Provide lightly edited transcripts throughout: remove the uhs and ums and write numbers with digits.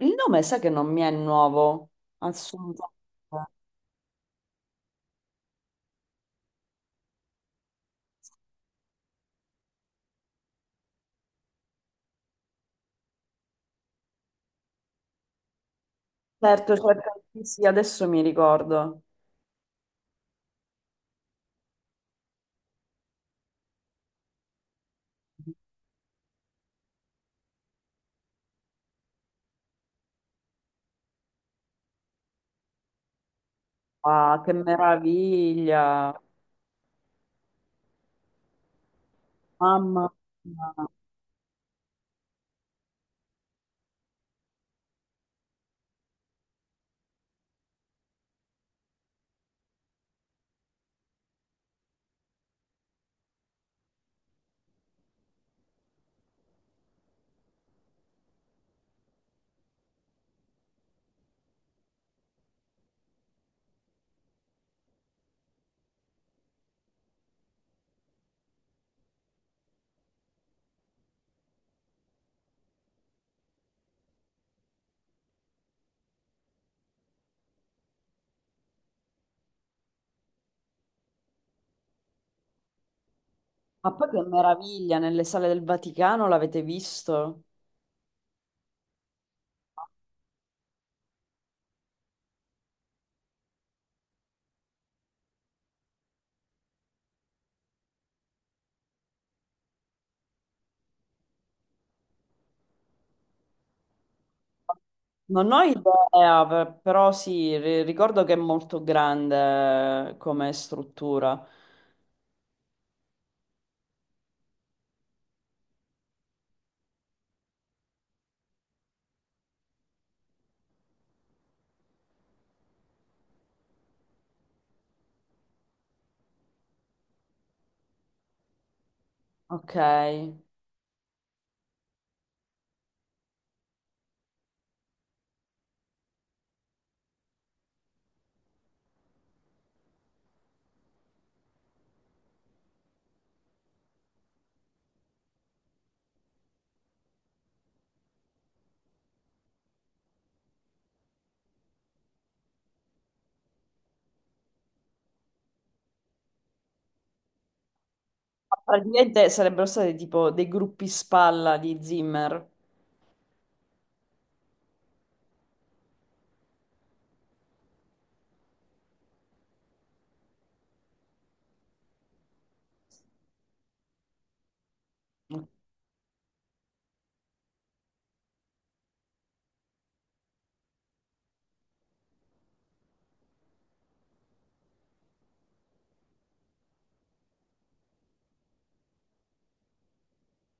Il nome sa che non mi è nuovo, assolutamente. Certo, certo, sì, sì, adesso mi ricordo. Ah, che meraviglia, mamma mia. Ma poi che meraviglia, nelle sale del Vaticano l'avete visto? Non ho idea, però sì, ricordo che è molto grande come struttura. Ok. Ma praticamente sarebbero stati tipo dei gruppi spalla di Zimmer,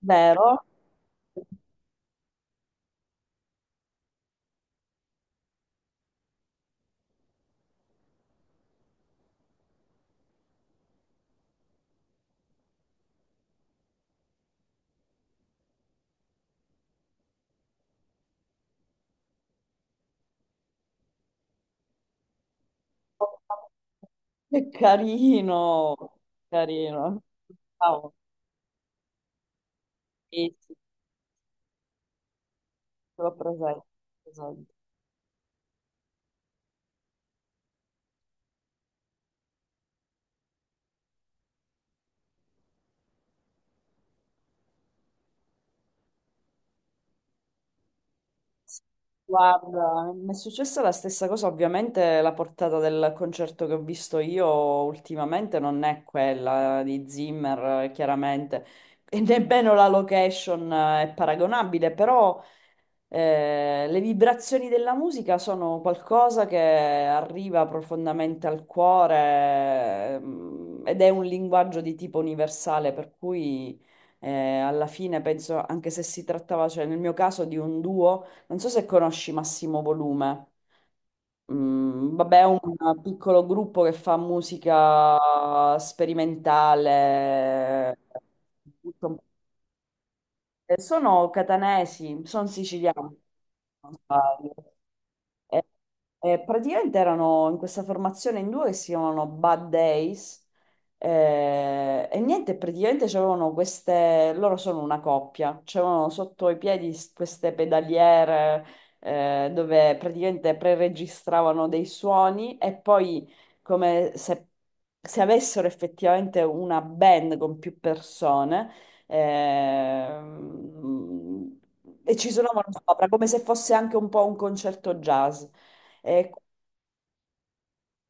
vero? Che carino, carino. Ciao, sì, sì, ce l'ho presente, presente. Guarda, mi è successa la stessa cosa, ovviamente la portata del concerto che ho visto io ultimamente non è quella di Zimmer, chiaramente, e nemmeno la location è paragonabile, però le vibrazioni della musica sono qualcosa che arriva profondamente al cuore, ed è un linguaggio di tipo universale, per cui eh, alla fine penso, anche se si trattava, cioè nel mio caso, di un duo, non so se conosci Massimo Volume. Mm, vabbè, è un piccolo gruppo che fa musica sperimentale, tutto un po'. Sono catanesi, sono siciliani. Se non sbaglio. E- e praticamente erano in questa formazione in due che si chiamano Bad Days e niente, praticamente c'erano queste, loro sono una coppia, c'erano sotto i piedi queste pedaliere dove praticamente preregistravano dei suoni e poi come se, se avessero effettivamente una band con più persone. Ehm, e ci suonavano sopra come se fosse anche un po' un concerto jazz. E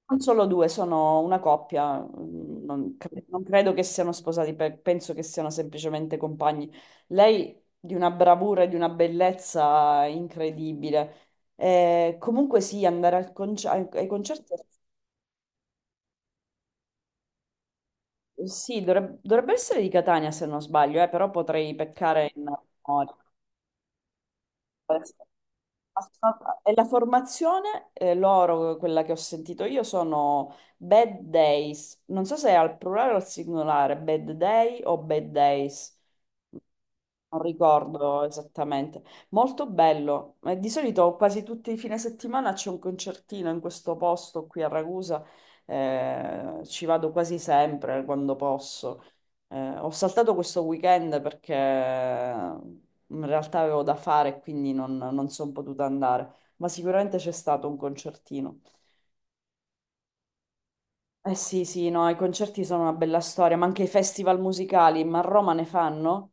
non solo due, sono una coppia, mm, non, non credo che siano sposati, penso che siano semplicemente compagni. Lei di una bravura e di una bellezza incredibile. Comunque sì, andare al ai concerti, sì, dovrebbe essere di Catania se non sbaglio, però potrei peccare in memoria. E la formazione, loro, quella che ho sentito io, sono bad days. Non so se è al plurale o al singolare, bad day o bad days. Non ricordo esattamente. Molto bello. Di solito quasi tutti i fine settimana c'è un concertino in questo posto qui a Ragusa. Ci vado quasi sempre quando posso. Ho saltato questo weekend perché in realtà avevo da fare e quindi non sono potuta andare. Ma sicuramente c'è stato un concertino. Eh sì, sì, no, i concerti sono una bella storia, ma anche i festival musicali, ma a Roma ne fanno?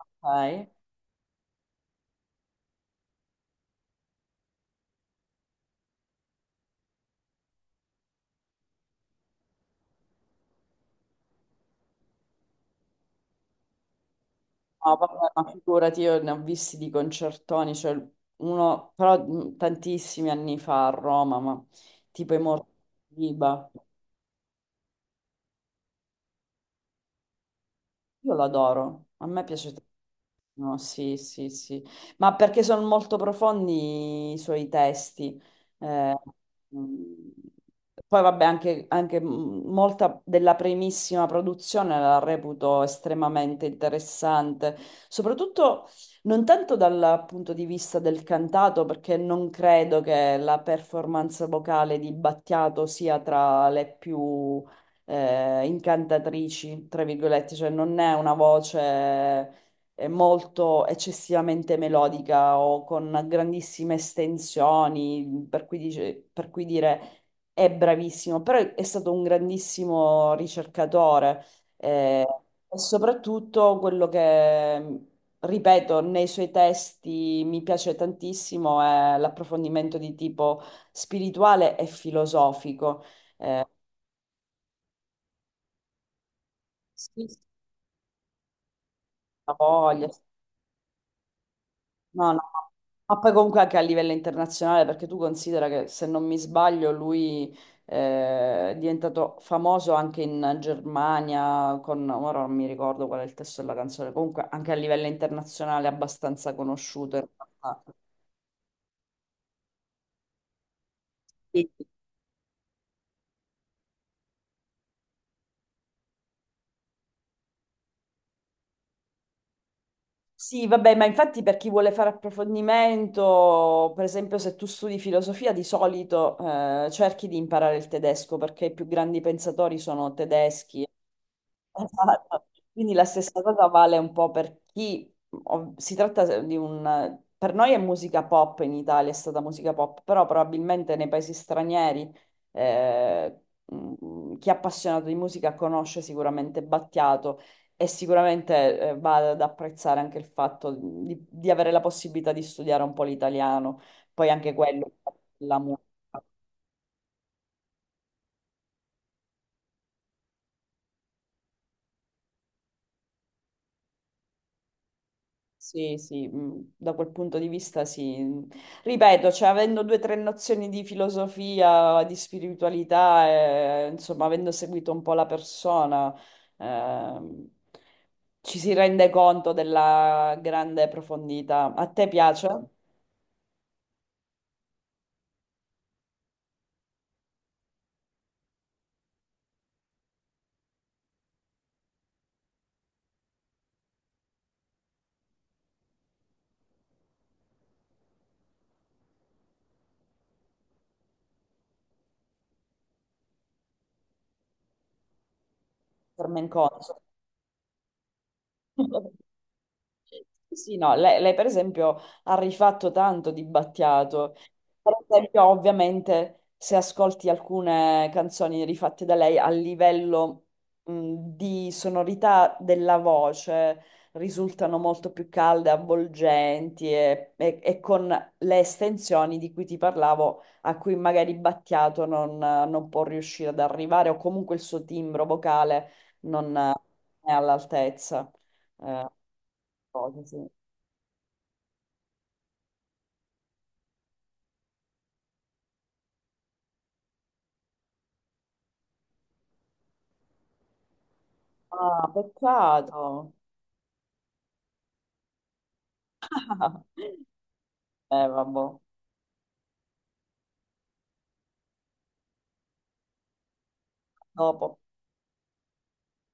Ok. No, vabbè, ma figurati, io ne ho visti di concertoni, cioè uno, però tantissimi anni fa a Roma, ma tipo i Morti di Liba. Io l'adoro, a me piace tantissimo, sì, sì, sì, ma perché sono molto profondi i suoi testi. Eh, mh, poi vabbè, anche, anche molta della primissima produzione la reputo estremamente interessante, soprattutto non tanto dal punto di vista del cantato, perché non credo che la performance vocale di Battiato sia tra le più incantatrici, tra virgolette, cioè non è una voce molto eccessivamente melodica o con grandissime estensioni, per cui, per cui dire è bravissimo, però è stato un grandissimo ricercatore eh, e soprattutto quello che... Ripeto, nei suoi testi mi piace tantissimo è l'approfondimento di tipo spirituale e filosofico. Sì, sì, la voglia, no, no, no. Ma poi comunque anche a livello internazionale, perché tu considera che se non mi sbaglio lui è diventato famoso anche in Germania, con, ora non mi ricordo qual è il testo della canzone, comunque anche a livello internazionale è abbastanza conosciuto. In realtà. Sì, sì, vabbè, ma infatti per chi vuole fare approfondimento, per esempio se tu studi filosofia, di solito cerchi di imparare il tedesco perché i più grandi pensatori sono tedeschi. Esatto. Quindi la stessa cosa vale un po' per chi si tratta di un per noi è musica pop in Italia, è stata musica pop, però probabilmente nei paesi stranieri eh, chi è appassionato di musica conosce sicuramente Battiato e sicuramente va ad apprezzare anche il fatto di avere la possibilità di studiare un po' l'italiano, poi anche quello, la musica. Sì, sì, da quel punto di vista sì. Ripeto, cioè, avendo 2 o 3 nozioni di filosofia, di spiritualità, insomma, avendo seguito un po' la persona, ehm, ci si rende conto della grande profondità. A te piace? Carmen Conso? Sì, sì, no, lei, per esempio ha rifatto tanto di Battiato. Per esempio, ovviamente, se ascolti alcune canzoni rifatte da lei a livello di sonorità della voce risultano molto più calde, avvolgenti e, e con le estensioni di cui ti parlavo, a cui magari Battiato non può riuscire ad arrivare o comunque il suo timbro vocale non è all'altezza. Eh, cose, sì. Ah, peccato. Vabbè, dopo.